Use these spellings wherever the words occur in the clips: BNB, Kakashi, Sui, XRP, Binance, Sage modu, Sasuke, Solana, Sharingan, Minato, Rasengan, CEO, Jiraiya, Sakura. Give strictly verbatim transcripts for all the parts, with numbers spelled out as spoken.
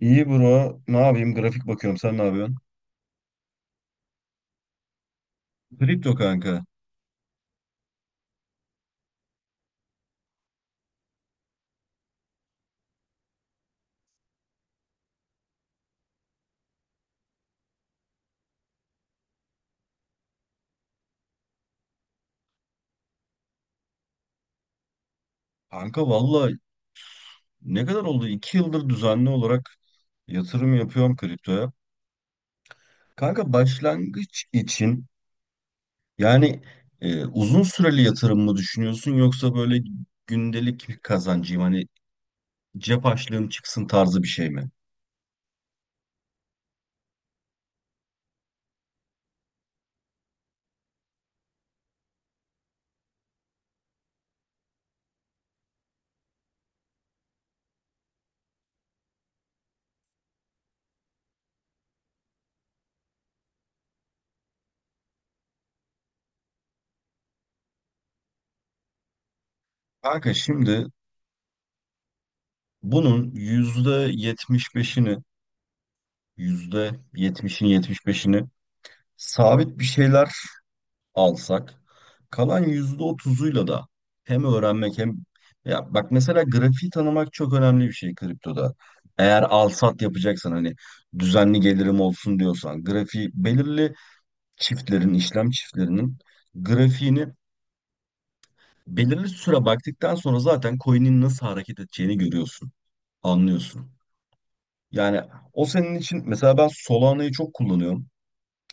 İyi bro. Ne yapayım? Grafik bakıyorum. Sen ne yapıyorsun? Kripto kanka. Kanka valla ne kadar oldu? iki yıldır düzenli olarak yatırım yapıyorum kriptoya. Kanka başlangıç için yani e, uzun süreli yatırım mı düşünüyorsun yoksa böyle gündelik bir kazancıyım hani cep açlığım çıksın tarzı bir şey mi? Kanka şimdi bunun yüzde yetmiş beşini yüzde yetmişini yetmiş beşini sabit bir şeyler alsak kalan yüzde otuzuyla da hem öğrenmek hem ya bak mesela grafiği tanımak çok önemli bir şey kriptoda. Eğer al sat yapacaksan hani düzenli gelirim olsun diyorsan grafiği belirli çiftlerin işlem çiftlerinin grafiğini belirli süre baktıktan sonra zaten coin'in nasıl hareket edeceğini görüyorsun, anlıyorsun. Yani o senin için mesela ben Solana'yı çok kullanıyorum.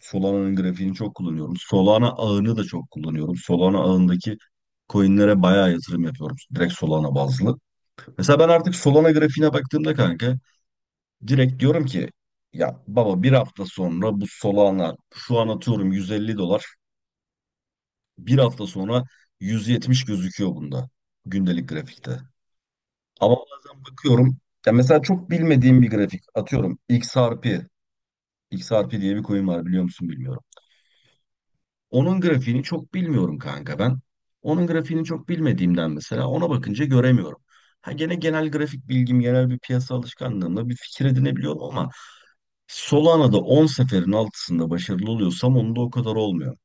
Solana'nın grafiğini çok kullanıyorum. Solana ağını da çok kullanıyorum. Solana ağındaki coinlere bayağı yatırım yapıyorum. Direkt Solana bazlı. Mesela ben artık Solana grafiğine baktığımda kanka direkt diyorum ki ya baba bir hafta sonra bu Solana şu an atıyorum yüz elli dolar. Bir hafta sonra yüz yetmiş gözüküyor bunda gündelik grafikte. Ama bazen bakıyorum ya mesela çok bilmediğim bir grafik atıyorum X R P. X R P diye bir coin var biliyor musun bilmiyorum. Onun grafiğini çok bilmiyorum kanka ben. Onun grafiğini çok bilmediğimden mesela ona bakınca göremiyorum. Ha gene genel grafik bilgim, genel bir piyasa alışkanlığımla bir fikir edinebiliyorum ama Solana'da on seferin altısında başarılı oluyorsam onda o kadar olmuyor.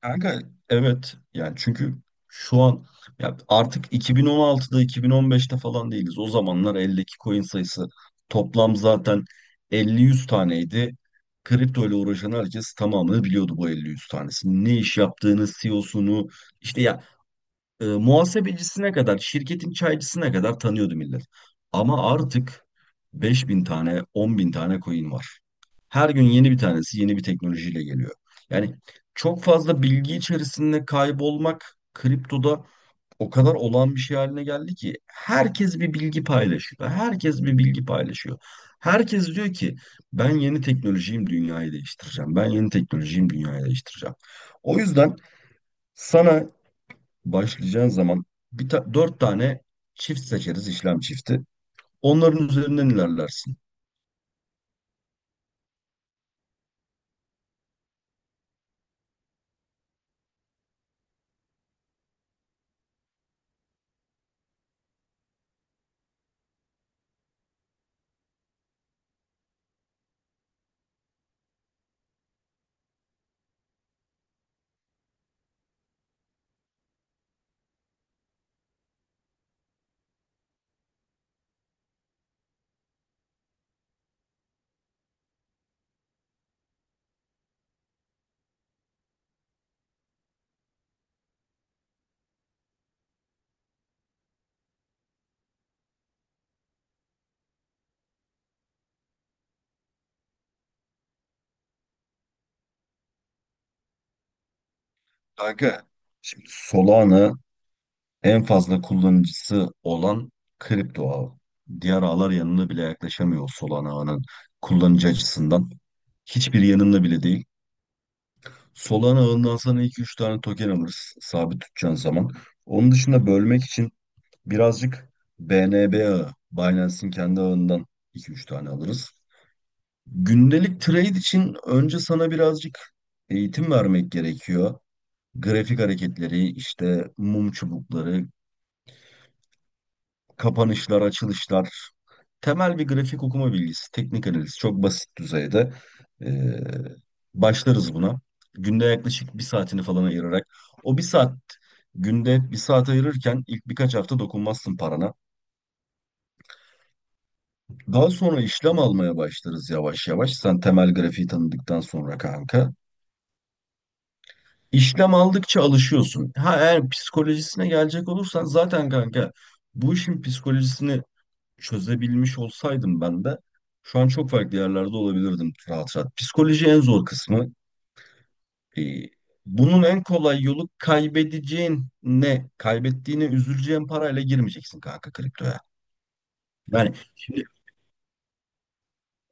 Kanka evet yani çünkü şu an ya artık iki bin on altıda iki bin on beşte falan değiliz. O zamanlar eldeki coin sayısı toplam zaten elli yüz taneydi. Kripto ile uğraşan herkes tamamını biliyordu bu elli yüz tanesini. Ne iş yaptığını, C E O'sunu işte ya e, muhasebecisine kadar, şirketin çaycısına kadar tanıyordu millet. Ama artık beş bin tane, on bin tane coin var. Her gün yeni bir tanesi yeni bir teknolojiyle geliyor. Yani çok fazla bilgi içerisinde kaybolmak kriptoda o kadar olağan bir şey haline geldi ki herkes bir bilgi paylaşıyor. Herkes bir bilgi paylaşıyor. Herkes diyor ki ben yeni teknolojiyim dünyayı değiştireceğim. Ben yeni teknolojiyim dünyayı değiştireceğim. O yüzden sana başlayacağın zaman bir ta- dört tane çift seçeriz işlem çifti. Onların üzerinden ilerlersin. Kanka Şimdi Solana en fazla kullanıcısı olan kripto ağı. Diğer ağlar yanına bile yaklaşamıyor Solana ağının kullanıcı açısından. Hiçbir yanında bile değil. Solana ağından sana iki üç tane token alırız sabit tutacağın zaman. Onun dışında bölmek için birazcık B N B ağı, Binance'in kendi ağından iki üç tane alırız. Gündelik trade için önce sana birazcık eğitim vermek gerekiyor. Grafik hareketleri, işte mum çubukları, kapanışlar, açılışlar. Temel bir grafik okuma bilgisi, teknik analiz çok basit düzeyde. Ee, Başlarız buna. Günde yaklaşık bir saatini falan ayırarak. O bir saat, günde bir saat ayırırken ilk birkaç hafta dokunmazsın parana. Daha sonra işlem almaya başlarız yavaş yavaş. Sen temel grafiği tanıdıktan sonra kanka. İşlem aldıkça alışıyorsun. Ha eğer psikolojisine gelecek olursan zaten kanka bu işin psikolojisini çözebilmiş olsaydım ben de şu an çok farklı yerlerde olabilirdim rahat rahat. Psikoloji en zor kısmı. Ee, Bunun en kolay yolu kaybedeceğin ne? Kaybettiğine üzüleceğin parayla girmeyeceksin kanka kriptoya. Yani şimdi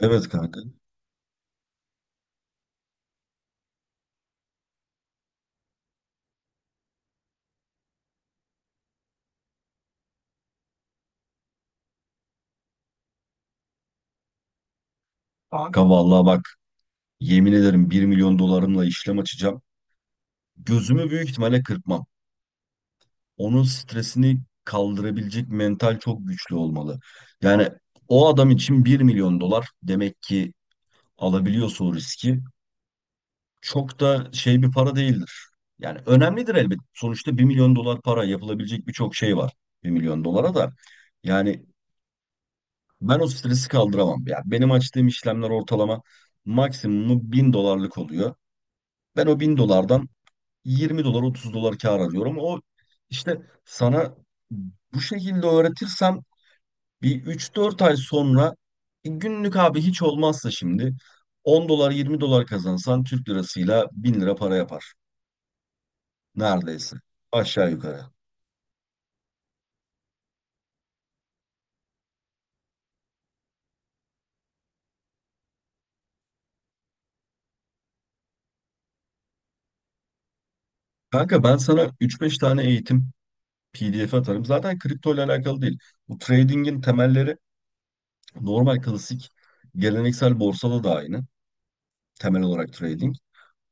evet kanka. Abi kanka vallahi bak yemin ederim bir milyon dolarımla işlem açacağım. Gözümü büyük ihtimalle kırpmam. Onun stresini kaldırabilecek mental çok güçlü olmalı. Yani o adam için bir milyon dolar demek ki alabiliyorsa o riski çok da şey bir para değildir. Yani önemlidir elbet. Sonuçta bir milyon dolar para yapılabilecek birçok şey var. Bir milyon dolara da. Yani ben o stresi kaldıramam. Yani benim açtığım işlemler ortalama maksimumu bin dolarlık oluyor. Ben o bin dolardan yirmi dolar otuz dolar kar alıyorum. O işte sana bu şekilde öğretirsem Bir üç dört ay sonra e, günlük abi hiç olmazsa şimdi on dolar yirmi dolar kazansan Türk lirasıyla bin lira para yapar. Neredeyse. Aşağı yukarı. Kanka ben sana üç beş tane eğitim P D F atarım. Zaten kripto ile alakalı değil. Bu trading'in temelleri normal klasik geleneksel borsada da aynı. Temel olarak trading.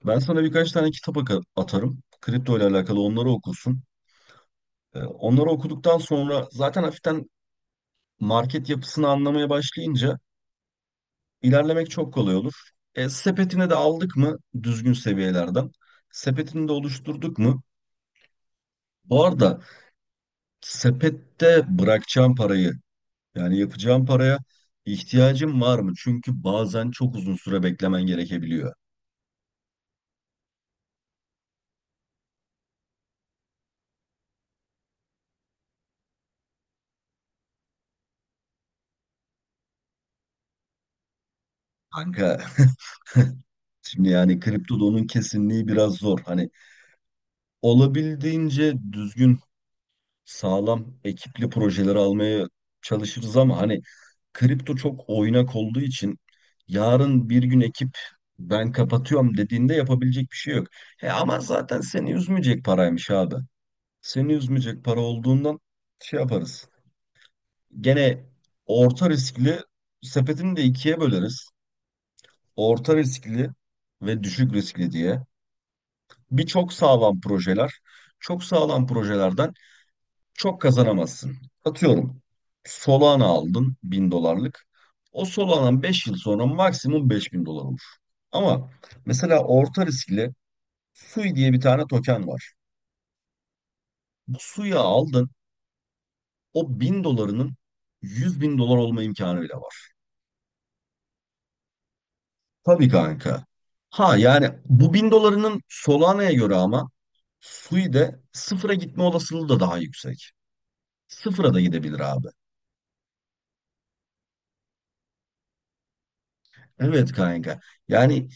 Ben sana birkaç tane kitap aka- atarım. Kripto ile alakalı onları okursun. E, Onları okuduktan sonra zaten hafiften market yapısını anlamaya başlayınca İlerlemek çok kolay olur. E, sepetine de aldık mı düzgün seviyelerden? Sepetini de oluşturduk mu? Bu arada sepette bırakacağım parayı yani yapacağım paraya ihtiyacım var mı? Çünkü bazen çok uzun süre beklemen gerekebiliyor. Kanka şimdi yani kriptoda onun kesinliği biraz zor. Hani olabildiğince düzgün sağlam ekipli projeleri almaya çalışırız ama hani kripto çok oynak olduğu için yarın bir gün ekip ben kapatıyorum dediğinde yapabilecek bir şey yok. He ama zaten seni üzmeyecek paraymış abi. Seni üzmeyecek para olduğundan şey yaparız. Gene orta riskli sepetini de ikiye böleriz. Orta riskli ve düşük riskli diye. Bir çok sağlam projeler. Çok sağlam projelerden çok kazanamazsın. Atıyorum Solana aldın bin dolarlık. O Solana beş yıl sonra maksimum beş bin dolar olur. Ama mesela orta riskli Sui diye bir tane token var. Bu Sui'yi aldın o bin dolarının yüz bin dolar olma imkanı bile var. Tabii kanka. Ha yani bu bin dolarının Solana'ya göre ama Sui'de sıfıra gitme olasılığı da daha yüksek. Sıfıra da gidebilir abi. Evet kanka. Yani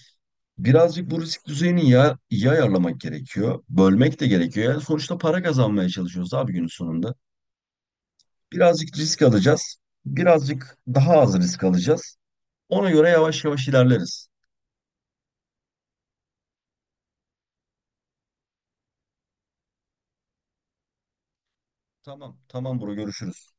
birazcık bu risk düzeyini ya, iyi ayarlamak gerekiyor. Bölmek de gerekiyor. Yani sonuçta para kazanmaya çalışıyoruz abi günün sonunda. Birazcık risk alacağız. Birazcık daha az risk alacağız. Ona göre yavaş yavaş ilerleriz. Tamam, tamam bro görüşürüz.